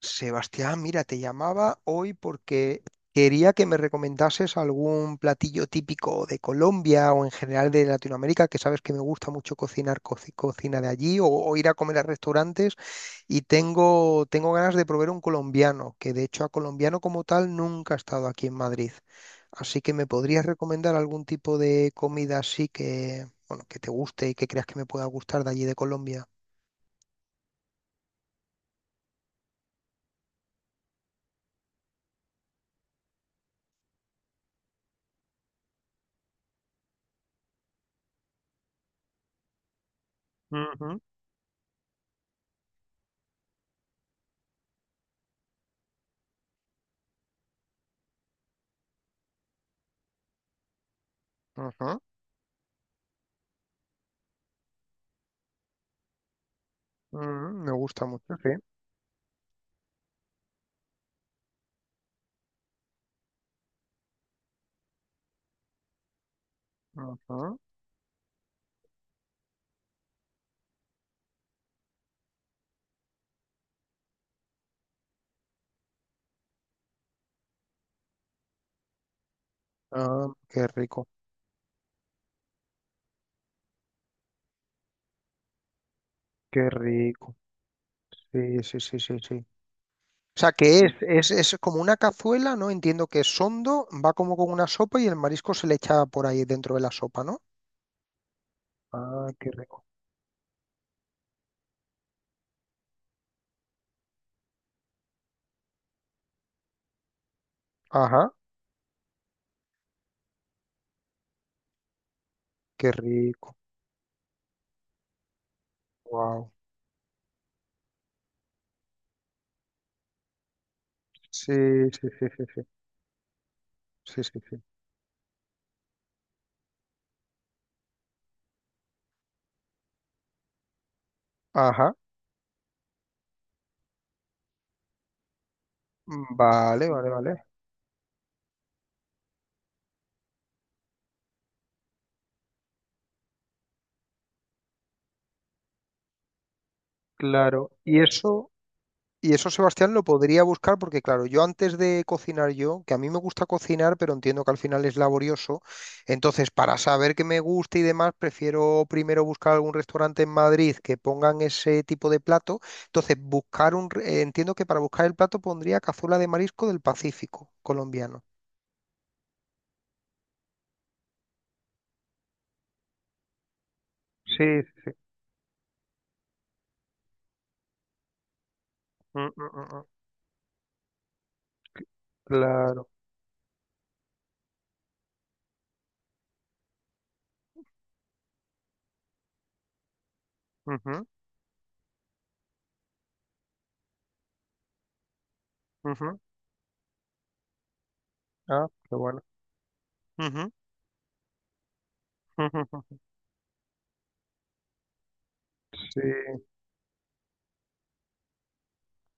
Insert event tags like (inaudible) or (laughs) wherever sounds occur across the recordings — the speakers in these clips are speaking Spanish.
Sebastián, mira, te llamaba hoy porque quería que me recomendases algún platillo típico de Colombia o en general de Latinoamérica, que sabes que me gusta mucho cocinar cocina de allí o ir a comer a restaurantes y tengo ganas de probar un colombiano, que de hecho a colombiano como tal nunca ha estado aquí en Madrid. Así que me podrías recomendar algún tipo de comida así que, bueno, que te guste y que creas que me pueda gustar de allí de Colombia. Ujú, ujú, ujú, me gusta mucho, sí. Ujú. Ah, qué rico, qué rico. Sí, sí, sí, sí, sí. O sea, que es como una cazuela, ¿no? Entiendo que es hondo, va como con una sopa y el marisco se le echa por ahí dentro de la sopa, ¿no? Ah, qué rico. Ajá, qué rico. Wow. Sí, sí, sí, sí, sí. Sí, sí, sí. Ajá. Mm, vale, vale, vale. Claro. Y eso Sebastián lo podría buscar porque, claro, yo antes de cocinar yo, que a mí me gusta cocinar, pero entiendo que al final es laborioso, entonces para saber qué me gusta y demás, prefiero primero buscar algún restaurante en Madrid que pongan ese tipo de plato. Entonces, entiendo que para buscar el plato pondría cazuela de marisco del Pacífico colombiano. Sí, mm, mm, mm, mm, claro. Ujú, ujú. Ah, qué bueno. Ujú, ujú, ujú. Sí,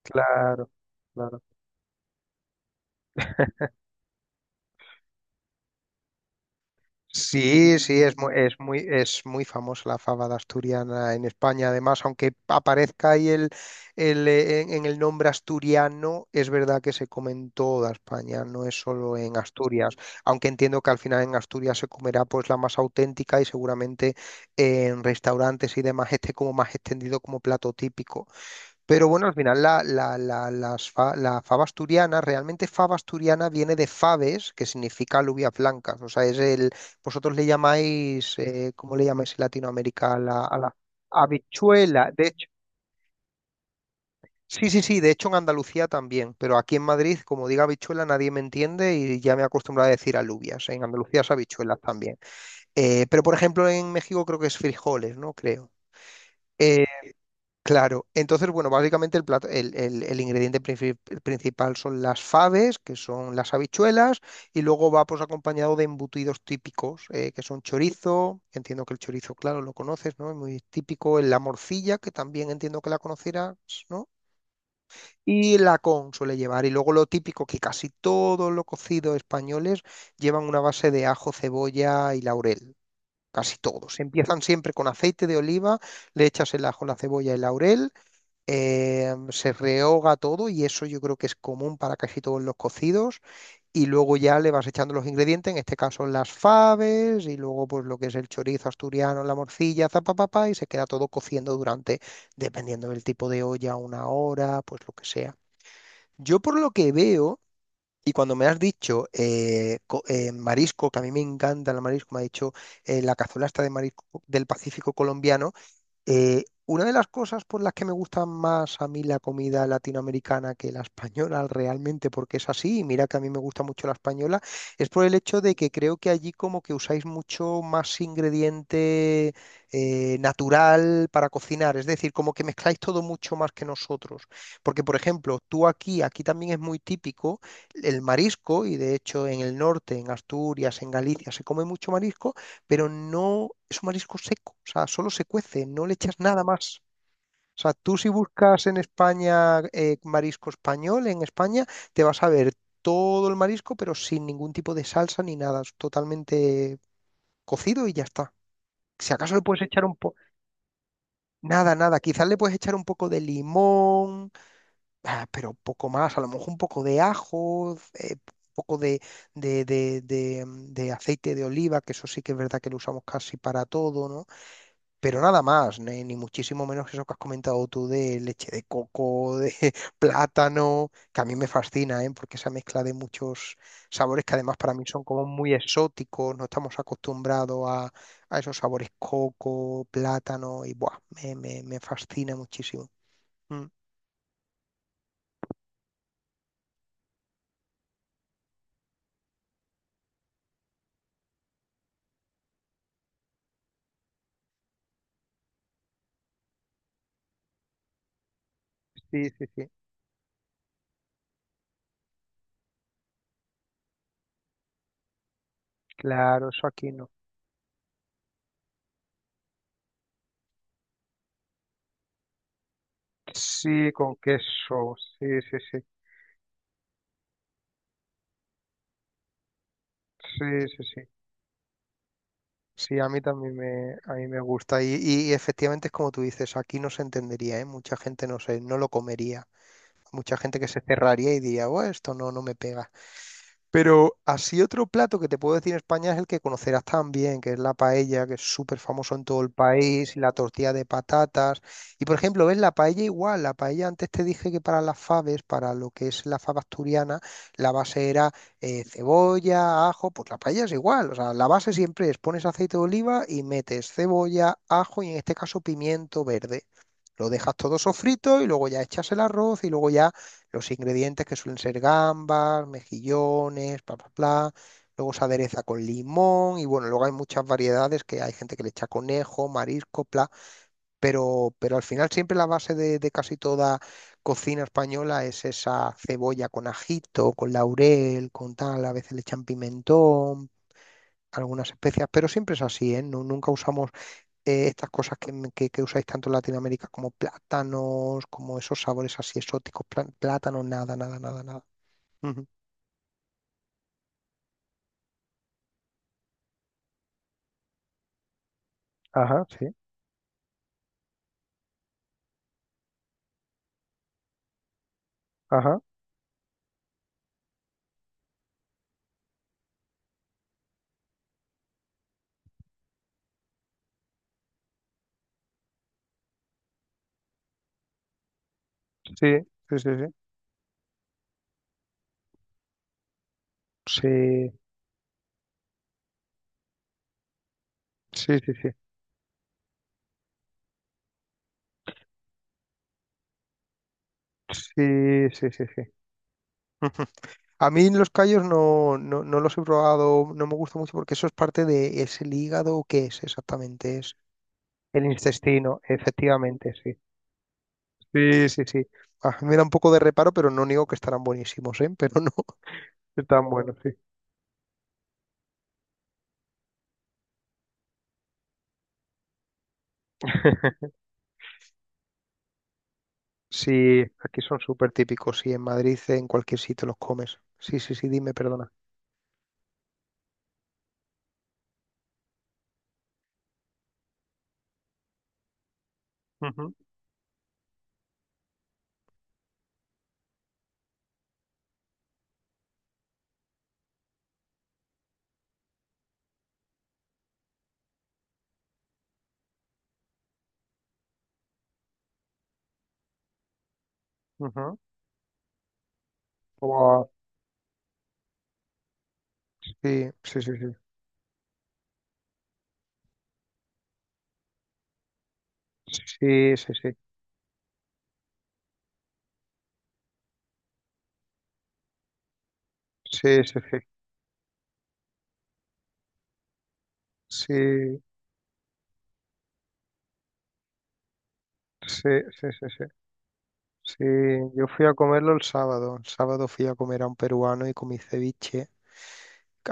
claro, claro. Sí, sí, es muy famosa la fábada asturiana en España. Además, aunque aparezca ahí en el nombre asturiano, es verdad que se come en toda España, no es solo en Asturias. Aunque entiendo que al final en Asturias se comerá pues la más auténtica y seguramente en restaurantes y demás esté como más extendido como plato típico. Pero bueno, al final la fava asturiana, realmente fava asturiana viene de faves, que significa alubias blancas. O sea, vosotros le llamáis, ¿cómo le llamáis en Latinoamérica? A la habichuela. De hecho, sí, sí, sí, de hecho en Andalucía también, pero aquí en Madrid, como diga habichuela, nadie me entiende y ya me he acostumbrado a decir alubias. En Andalucía es habichuelas también. Pero por ejemplo en México creo que es frijoles, ¿no? Creo. Eh, Claro, entonces, bueno, básicamente el, plato- el ingrediente principal son las faves, que son las habichuelas, y luego va pues acompañado de embutidos típicos, que son chorizo, que entiendo que el chorizo, claro, lo conoces, ¿no? Es muy típico, la morcilla, que también entiendo que la conocerás, ¿no? Y la con suele llevar, y luego lo típico, que casi todos los cocidos españoles llevan una base de ajo, cebolla y laurel. Casi todos. Empiezan siempre con aceite de oliva, le echas el ajo, la cebolla y el laurel, se rehoga todo y eso yo creo que es común para casi todos los cocidos y luego ya le vas echando los ingredientes, en este caso las faves y luego pues lo que es el chorizo asturiano, la morcilla, zapapapá y se queda todo cociendo durante, dependiendo del tipo de olla, una hora, pues lo que sea. Yo por lo que veo. Y cuando me has dicho marisco, que a mí me encanta el marisco, me ha dicho la cazuela esta de marisco del Pacífico colombiano, una de las cosas por las que me gusta más a mí la comida latinoamericana que la española (laughs) realmente, porque es así, y mira que a mí me gusta mucho la española, es por el hecho de que creo que allí como que usáis mucho más ingrediente natural para cocinar, es decir, como que mezcláis todo mucho más que nosotros. Porque, por ejemplo, tú aquí también es muy típico el marisco, y de hecho en el norte, en Asturias, en Galicia, se come mucho marisco, pero no es un marisco seco, o sea, solo se cuece, no le echas nada más. O sea, tú si buscas en España, marisco español, en España te vas a ver todo el marisco, pero sin ningún tipo de salsa ni nada, es totalmente cocido y ya está. Si acaso le puedes echar un poco, nada, nada, quizás le puedes echar un poco de limón, ah, pero poco más, a lo mejor un poco de ajo, un poco de aceite de oliva, que eso sí que es verdad que lo usamos casi para todo, ¿no? Pero nada más, ni muchísimo menos eso que has comentado tú de leche de coco, de (laughs) plátano, que a mí me fascina, ¿eh? Porque esa mezcla de muchos sabores que además para mí son como muy exóticos, no estamos acostumbrados a esos sabores coco, plátano, y buah, me fascina muchísimo. Mm, sí, sí, sí. Claro, eso aquí no. Sí, con queso, sí, sí, sí. Sí, sí, sí. Sí, a mí también a mí me gusta. Y efectivamente es como tú dices, aquí no se entendería, ¿eh? Mucha gente no sé, no lo comería. Mucha gente que se cerraría y diría, bueno, esto no, no me pega. Pero así otro plato que te puedo decir en España es el que conocerás también, que es la paella, que es súper famoso en todo el país, y la tortilla de patatas. Y por ejemplo, ves la paella igual, la paella antes te dije que para las faves, para lo que es la fava asturiana, la base era cebolla, ajo, pues la paella es igual, o sea, la base siempre es pones aceite de oliva y metes cebolla, ajo y en este caso pimiento verde. Lo dejas todo sofrito y luego ya echas el arroz y luego ya los ingredientes, que suelen ser gambas, mejillones, bla, bla, bla. Luego se adereza con limón y bueno, luego hay muchas variedades que hay gente que le echa conejo, marisco, bla, pero al final siempre la base de casi toda cocina española es esa cebolla con ajito, con laurel, con tal, a veces le echan pimentón, algunas especias, pero siempre es así, ¿eh? Nunca usamos, estas cosas que usáis tanto en Latinoamérica como plátanos, como esos sabores así exóticos, plátanos, nada, nada, nada, nada. Ujú. Ajá, sí, ajá, sí, sí, sí, sí, sí, sí, sí, sí, sí, sí, sí. Ujú. A mí los callos no, no, no los he probado, no me gusta mucho porque eso es parte de, ¿es el hígado o qué es exactamente? Es el intestino, efectivamente, sí. Sí, sí, sí. Ah, me da un poco de reparo, pero no niego que estarán buenísimos, ¿eh? Pero no (laughs) están buenos, sí. (laughs) Sí, aquí son súper típicos, sí, en Madrid, en cualquier sitio los comes. Sí, sí, sí, dime, perdona. Ujú, ujú. Buah, sí, sí, sí, sí. Sí, sí, sí. Sí, sí, sí. Sí, sí, sí, sí, sí. Sí, yo fui a comerlo el sábado. El sábado fui a comer a un peruano y comí ceviche.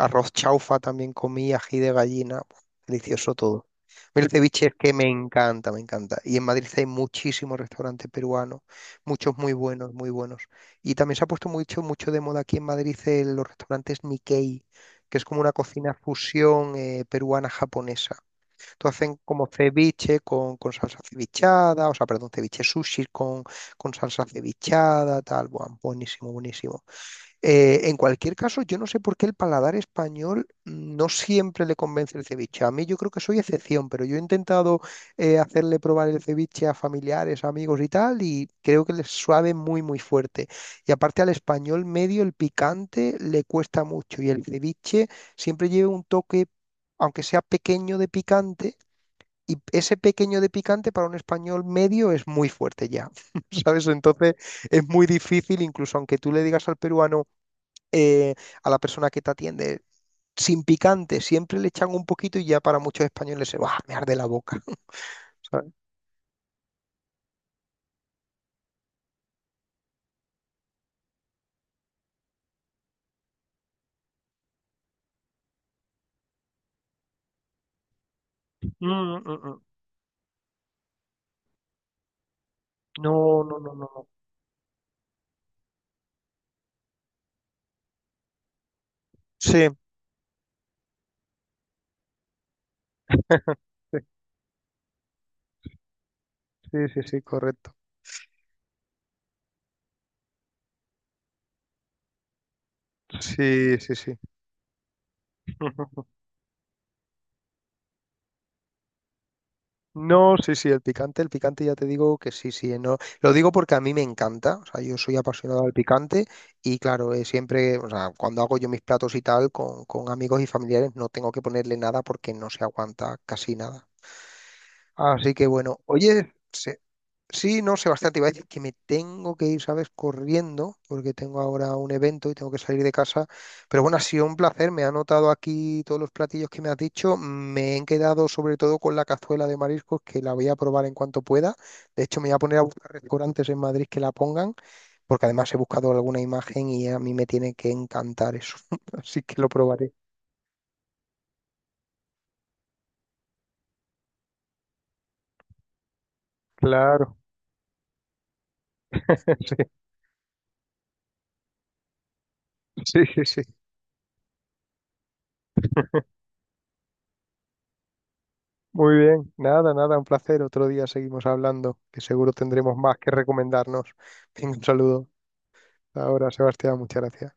Arroz chaufa también comí, ají de gallina. Buah, delicioso todo. A mí el ceviche es que me encanta, me encanta. Y en Madrid hay muchísimos restaurantes peruanos, muchos muy buenos, muy buenos. Y también se ha puesto mucho, mucho de moda aquí en Madrid, los restaurantes Nikkei, que es como una cocina fusión peruana-japonesa. Tú hacen como ceviche con salsa cevichada, o sea, perdón, ceviche sushi con salsa cevichada, tal, buah, buenísimo, buenísimo. En cualquier caso, yo no sé por qué el paladar español no siempre le convence el ceviche. A mí yo creo que soy excepción, pero yo he intentado, hacerle probar el ceviche a familiares, amigos y tal, y creo que les suave muy, muy fuerte. Y aparte al español medio el picante le cuesta mucho y el ceviche siempre lleva un toque, aunque sea pequeño de picante, y ese pequeño de picante para un español medio es muy fuerte ya, (laughs) ¿sabes? Entonces es muy difícil, incluso aunque tú le digas al peruano, eh, a la persona que te atiende, sin picante, siempre le echan un poquito y ya para muchos españoles se va, me arde la boca, (laughs) ¿sabes? Mm, mm, mm. No, no, no, no, no. Sí, (laughs) sí, sí, sí, correcto. Sí, sí, sí. (laughs) No, sí, sí, el picante ya te digo que sí, sí, no. Lo digo porque a mí me encanta, o sea, yo soy apasionado al picante y claro, siempre, o sea, cuando hago yo mis platos y tal con amigos y familiares no tengo que ponerle nada porque no se aguanta casi nada. Así que bueno, oye. Sí, no, Sebastián, te iba a decir (laughs) que me tengo que ir, ¿sabes? Corriendo, porque tengo ahora un evento y tengo que salir de casa. Pero bueno, ha sido un placer. Me ha anotado aquí todos los platillos que me has dicho. Me he quedado sobre todo con la cazuela de mariscos, que la voy a probar en cuanto pueda. De hecho, me voy a poner a buscar restaurantes en Madrid que la pongan, porque además he buscado alguna imagen y a mí me tiene que encantar eso. (laughs) Así que lo probaré. Claro. (laughs) Sí, sí, sí. Muy bien, nada, nada, un placer. Otro día seguimos hablando, que seguro tendremos más que recomendarnos. (laughs) Venga, un saludo. Ahora, Sebastián, muchas gracias.